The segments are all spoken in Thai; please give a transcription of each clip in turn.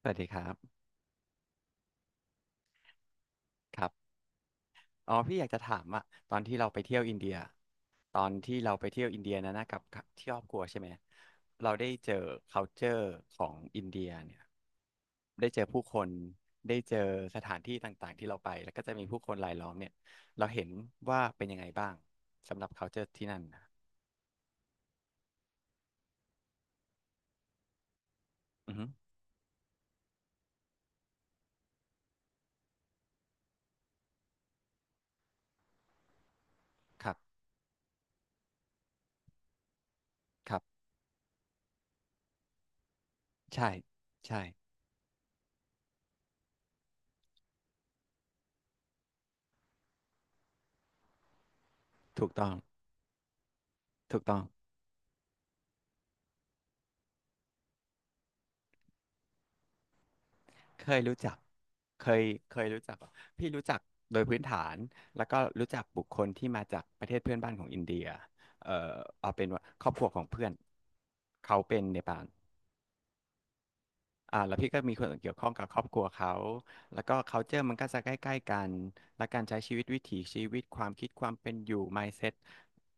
สวัสดีครับครับอ๋อพี่อยากจะถามอะตอนที่เราไปเที่ยวอินเดียตอนที่เราไปเที่ยวอินเดียนะกับที่ครอบครัวใช่ไหมเราได้เจอ culture ของอินเดียเนี่ยได้เจอผู้คนได้เจอสถานที่ต่างๆที่เราไปแล้วก็จะมีผู้คนรายล้อมเนี่ยเราเห็นว่าเป็นยังไงบ้างสำหรับ culture ที่นั่นนะอือฮึครับครับใช่ใช่ถูกต้องถูกต้อง เคยรู้จักเคยเคยรู้จักเหรอพี่รู้จักโดยพื้นฐาน แล้วก็รู้จักบุคคลที่มาจากประเทศเพื่อนบ้านของอินเดียเอ่อเอาเป็นว่าครอบครัวของเพื่อนเขาเป็นเนปาล อ่าแล้วพี่ก็มีคนเกี่ยวข้องกับครอบครัวเขาแล้วก็ culture มันก็จะใกล้ๆกันและการใช้ชีวิตวิถีชีวิตความคิดความเป็นอยู่ mindset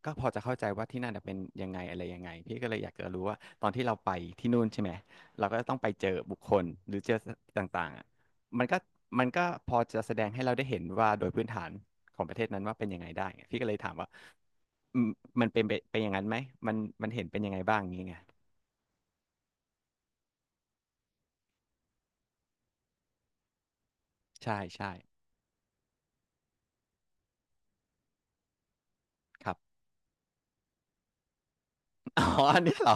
ก็พอจะเข้าใจว่าที่นั่นน่ะเป็นยังไงอะไรยังไงพี่ก็เลยอยากจะรู้ว่าตอนที่เราไปที่นู่นใช่ไหมเราก็ต้องไปเจอบุคคลหรือเจอต่างๆอ่ะมันก็มันก็พอจะแสดงให้เราได้เห็นว่าโดยพื้นฐานของประเทศนั้นว่าเป็นยังไงได้ไงพี่ก็เลยถามว่าอืมมันเป็นไปเป็นอย่างนั้นไหมมันมันเห็นเป็นยังไงบ้างอย่างงี้ไงใช่ใช่ครับ อ๋ออันนี้เหรอ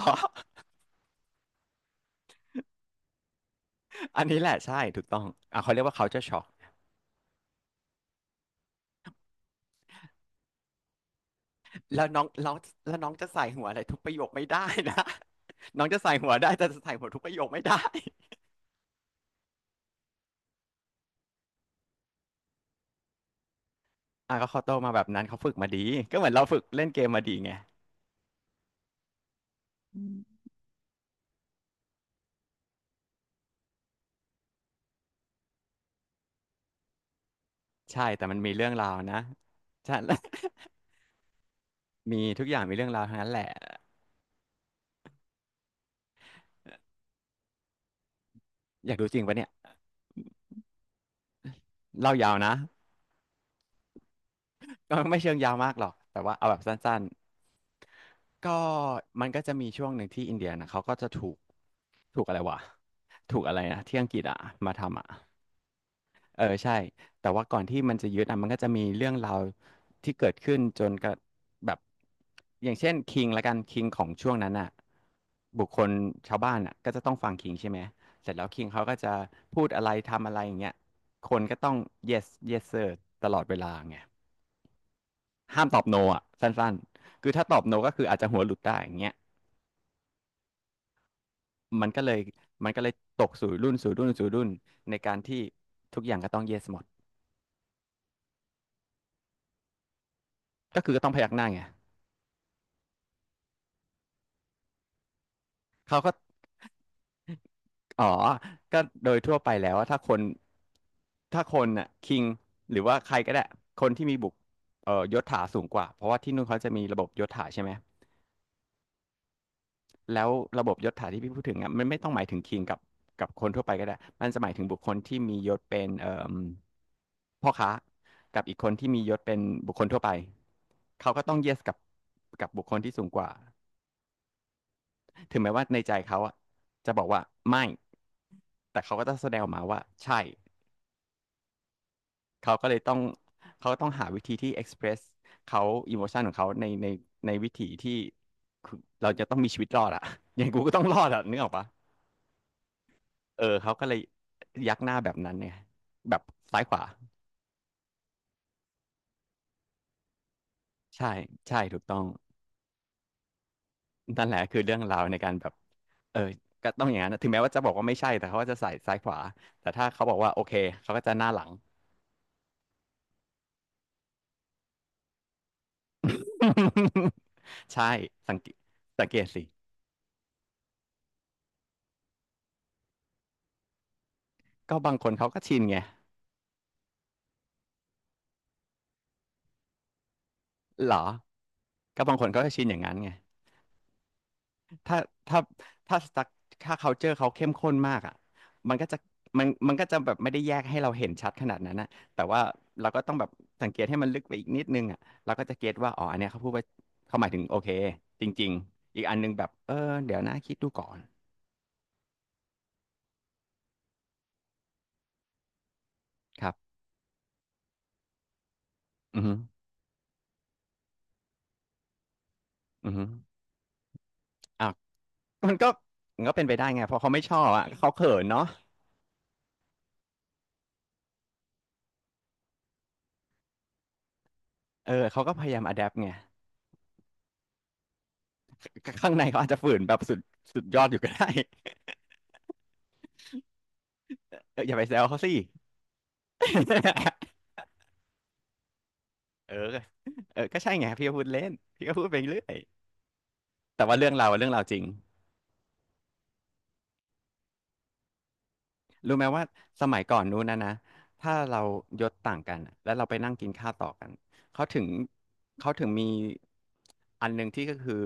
อันนี้แหละใช่ถูกต้องอ่ะเขาเรียกว่า culture shock แล้วน้องน้องแล้วน้องจะใส่หัวอะไรทุกประโยคไม่ได้นะ น้องจะใส่หัวได้แต่จะใส่หัวทุกประโยคไม่ได้ อ่ะก็เขาโตมาแบบนั้นเขาฝึกมาดีก็เหมือนเราฝึกเล่นเกมมาดีไงใช่แต่มันมีเรื่องราวนะ ใช่ มีทุกอย่างมีเรื่องราวทั้งนั้นแหละอยากดูจริงปะเนี่ยเล่ายาวนะ ก็ไม่เชิงยาวมากหรอกแต่ว่าเอาแบบสั้นๆก็มันก็จะมีช่วงหนึ่งที่อินเดียนะเขาก็จะถูกถูกอะไรวะถูกอะไรนะที่อังกฤษอะมาทำอะเออใช่แต่ว่าก่อนที่มันจะยึดอะมันก็จะมีเรื่องราวที่เกิดขึ้นจนกระแบบอย่างเช่นคิงละกันคิงของช่วงนั้นอะบุคคลชาวบ้านอะก็จะต้องฟังคิงใช่ไหมเสร็จแล้วคิงเขาก็จะพูดอะไรทำอะไรอย่างเงี้ยคนก็ต้อง yes yes sir ตลอดเวลาไง ห้ามตอบโนอ่ะสั้นๆคือถ้าตอบโนก็คืออาจจะหัวหลุดได้อย่างเงี้ยมันก็เลยมันก็เลยตกสู่รุ่นสู่รุ่นสู่รุ่นในการที่ทุกอย่างก็ต้อง yes หมดก็คือก็ต้องพยักหน้าไงเขาก็อ๋อก็โดยทั่วไปแล้วว่าถ้าคนน่ะคิงหรือว่าใครก็ได้คนที่มีบุกยศถาสูงกว่าเพราะว่าที่นู่นเขาจะมีระบบยศถาใช่ไหม แล้วระบบยศถาที่พี่พูดถึงอ่ะมันไม่ต้องหมายถึงคิงกับคนทั่วไปก็ได้มันจะหมายถึงบุคคลที่มียศเป็นเอ่มพ่อค้ากับอีกคนที่มียศเป็นบุคคลทั่วไป เขาก็ต้องเยสกับบุคคลที่สูงกว่าถึงแม้ว่าในใจเขาอ่ะจะบอกว่าไม่แต่เขาก็ต้องแสดงออกมาว่าใช่เขาก็เลยต้องเขาต้องหาวิธีที่ express เขาอิโมชันของเขาในในวิธีที่คือเราจะต้องมีชีวิตรอดอะ อย่างกูก็ต้องรอดอะนึกออกปะ เออเขาก็เลยยักหน้าแบบนั้นเนี่ยแบบซ้ายขวาใช่ใช่ถูกต้องนั่นแหละคือเรื่องราวในการแบบเออก็ต้องอย่างนั้นนะถึงแม้ว่าจะบอกว่าไม่ใช่แต่เขาก็จะใส่ซ้ายขวาแต่ถ้าเขาบอกว่าโอเคเขาก็จะหน้าหลัง ใช่สังเกตสังเกตสิก็บางคนเขาก็ชินไงเหรอก็บางคนเขาก็ชินอย่างนั้นไง ถ้าถ้าถ้าสตั๊กถ้า culture เขาเข้มข้นมากอ่ะมันก็จะมันก็จะแบบไม่ได้แยกให้เราเห็นชัดขนาดนั้นนะแต่ว่าเราก็ต้องแบบสังเกตให้มันลึกไปอีกนิดนึงอ่ะเราก็จะเก็ตว่าอ๋ออันเนี้ยเขาพูดว่าเขาหมายถึงโอเคจริงๆอีกอันนึงแบบเออเดี๋ยวนะคิดดูก่อนครับอือฮึอือฮึอ่ะมันก็มันก็เป็นไปได้ไงเพราะเขาไม่ชอบอ่ะเขาเขินเนาะเออเขาก็พยายามอะแดปไงข้างในเขาอาจจะฝืนแบบสุดสุดยอดอยู่ก็ได้เอออย่าไปแซวเขาสิ เออเออก็ใช่ไงพี่ก็พูดเล่นพี่ก็พูดไปเรื่อยแต่ว่าเรื่องเราอะเรื่องเราจริงรู้ไหมว่าสมัยก่อนนู้นนะถ้าเรายศต่างกันอะแล้วเราไปนั่งกินข้าวต่อกันเขาถึงเขาถึงมีอันหนึ่งที่ก็คือ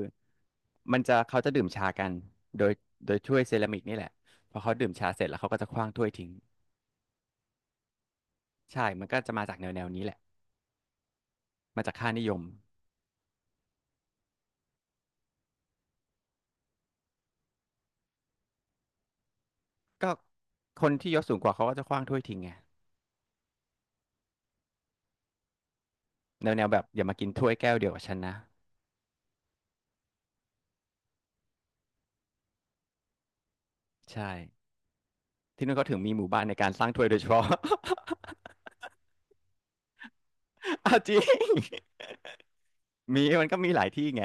มันจะเขาจะดื่มชากันโดยโดยถ้วยเซรามิกนี่แหละพอเขาดื่มชาเสร็จแล้วเขาก็จะขว้างถ้วยทิ้งใช่มันก็จะมาจากแนวแนวนี้แหละมาจากค่านิยมก็คนที่ยศสูงกว่าเขาก็จะขว้างถ้วยทิ้งไงแนวแนวแบบอย่ามากินถ้วยแก้วเดียวกับฉันนะใช่ ที่นู่นเขาถึงมีหมู่บ้านในการสร้างถ้วยโดยเฉพาะ เอาจริง มีมันก็มีหลายที่ไง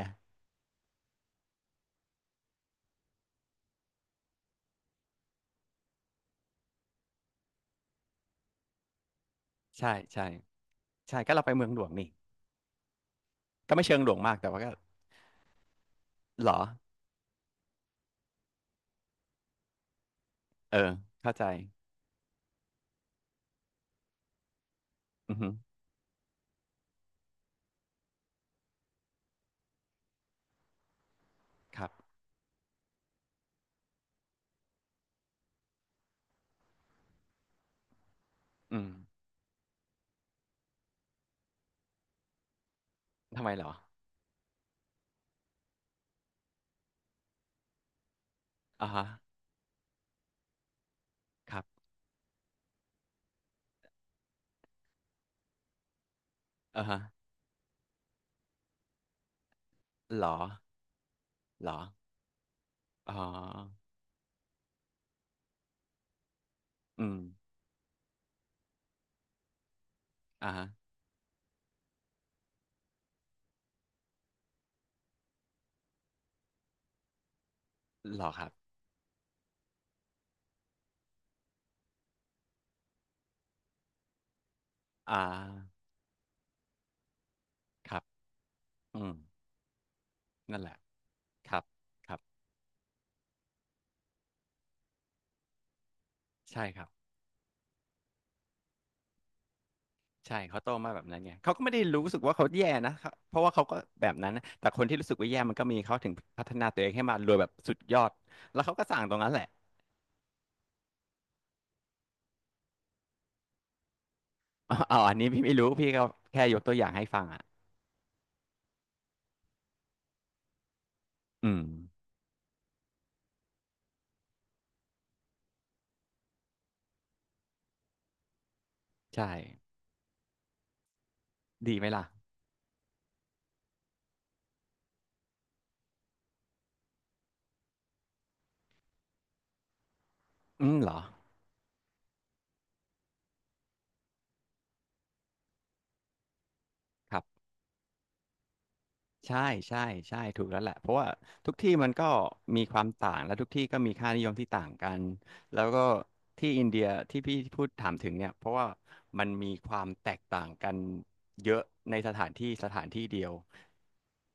ใช่ใช่ใช่ก็เราไปเมืองหลวงนี่ก็ไม่เชิงหลวงมากแต่ว่าก็หรอเออเข้าใจอือฮึครับอืมทำไมหรออ่าฮะครับอ่าฮะหรอหรออ๋ออืมอ่าฮะหรอครับอ่าครับอืมนั่นแหละ ครับ ครับ ใช่ครับ ใช่เขาโตมาแบบนั้นไงเขาก็ไม่ได้รู้สึกว่าเขาแย่นะเขาเพราะว่าเขาก็แบบนั้นนะแต่คนที่รู้สึกว่าแย่มันก็มีเขาถึงพัฒนาตัวเองให้มารวยแบบสุดยอดแล้วเขาก็สั่งตรงนั้นแหละ อาออออันนี้พี่ไม่รู้พี่ก็แค่ยกตัวอย่างให้ฟังอ่ะอืมใช่ดีไหมล่ะอืมเหรอครับ ใช่ใช่ใช่ถูกแล้วแหละเพราะว่าทุกที่มันก็มีความต่างและทุกที่ก็มีค่านิยมที่ต่างกันแล้วก็ที่อินเดียที่พี่พูดถามถึงเนี่ยเพราะว่ามันมีความแตกต่างกันเยอะในสถานที่เดียว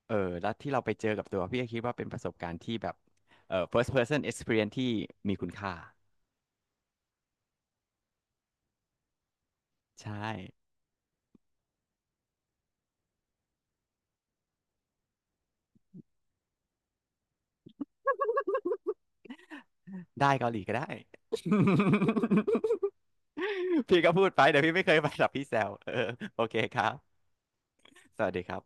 เออแล้วที่เราไปเจอกับตัวพี่ก็คิดว่าเป็นประสบการณ์ที่แบบเออ first person experience ที่มีคุณค่าใช่ได้เกาหลีก็ได้ พี่ก็พูดไปเดี๋ยวพี่ไม่เคยไป หรอกพี่แซวเออโอเคครับสวัสดีครับ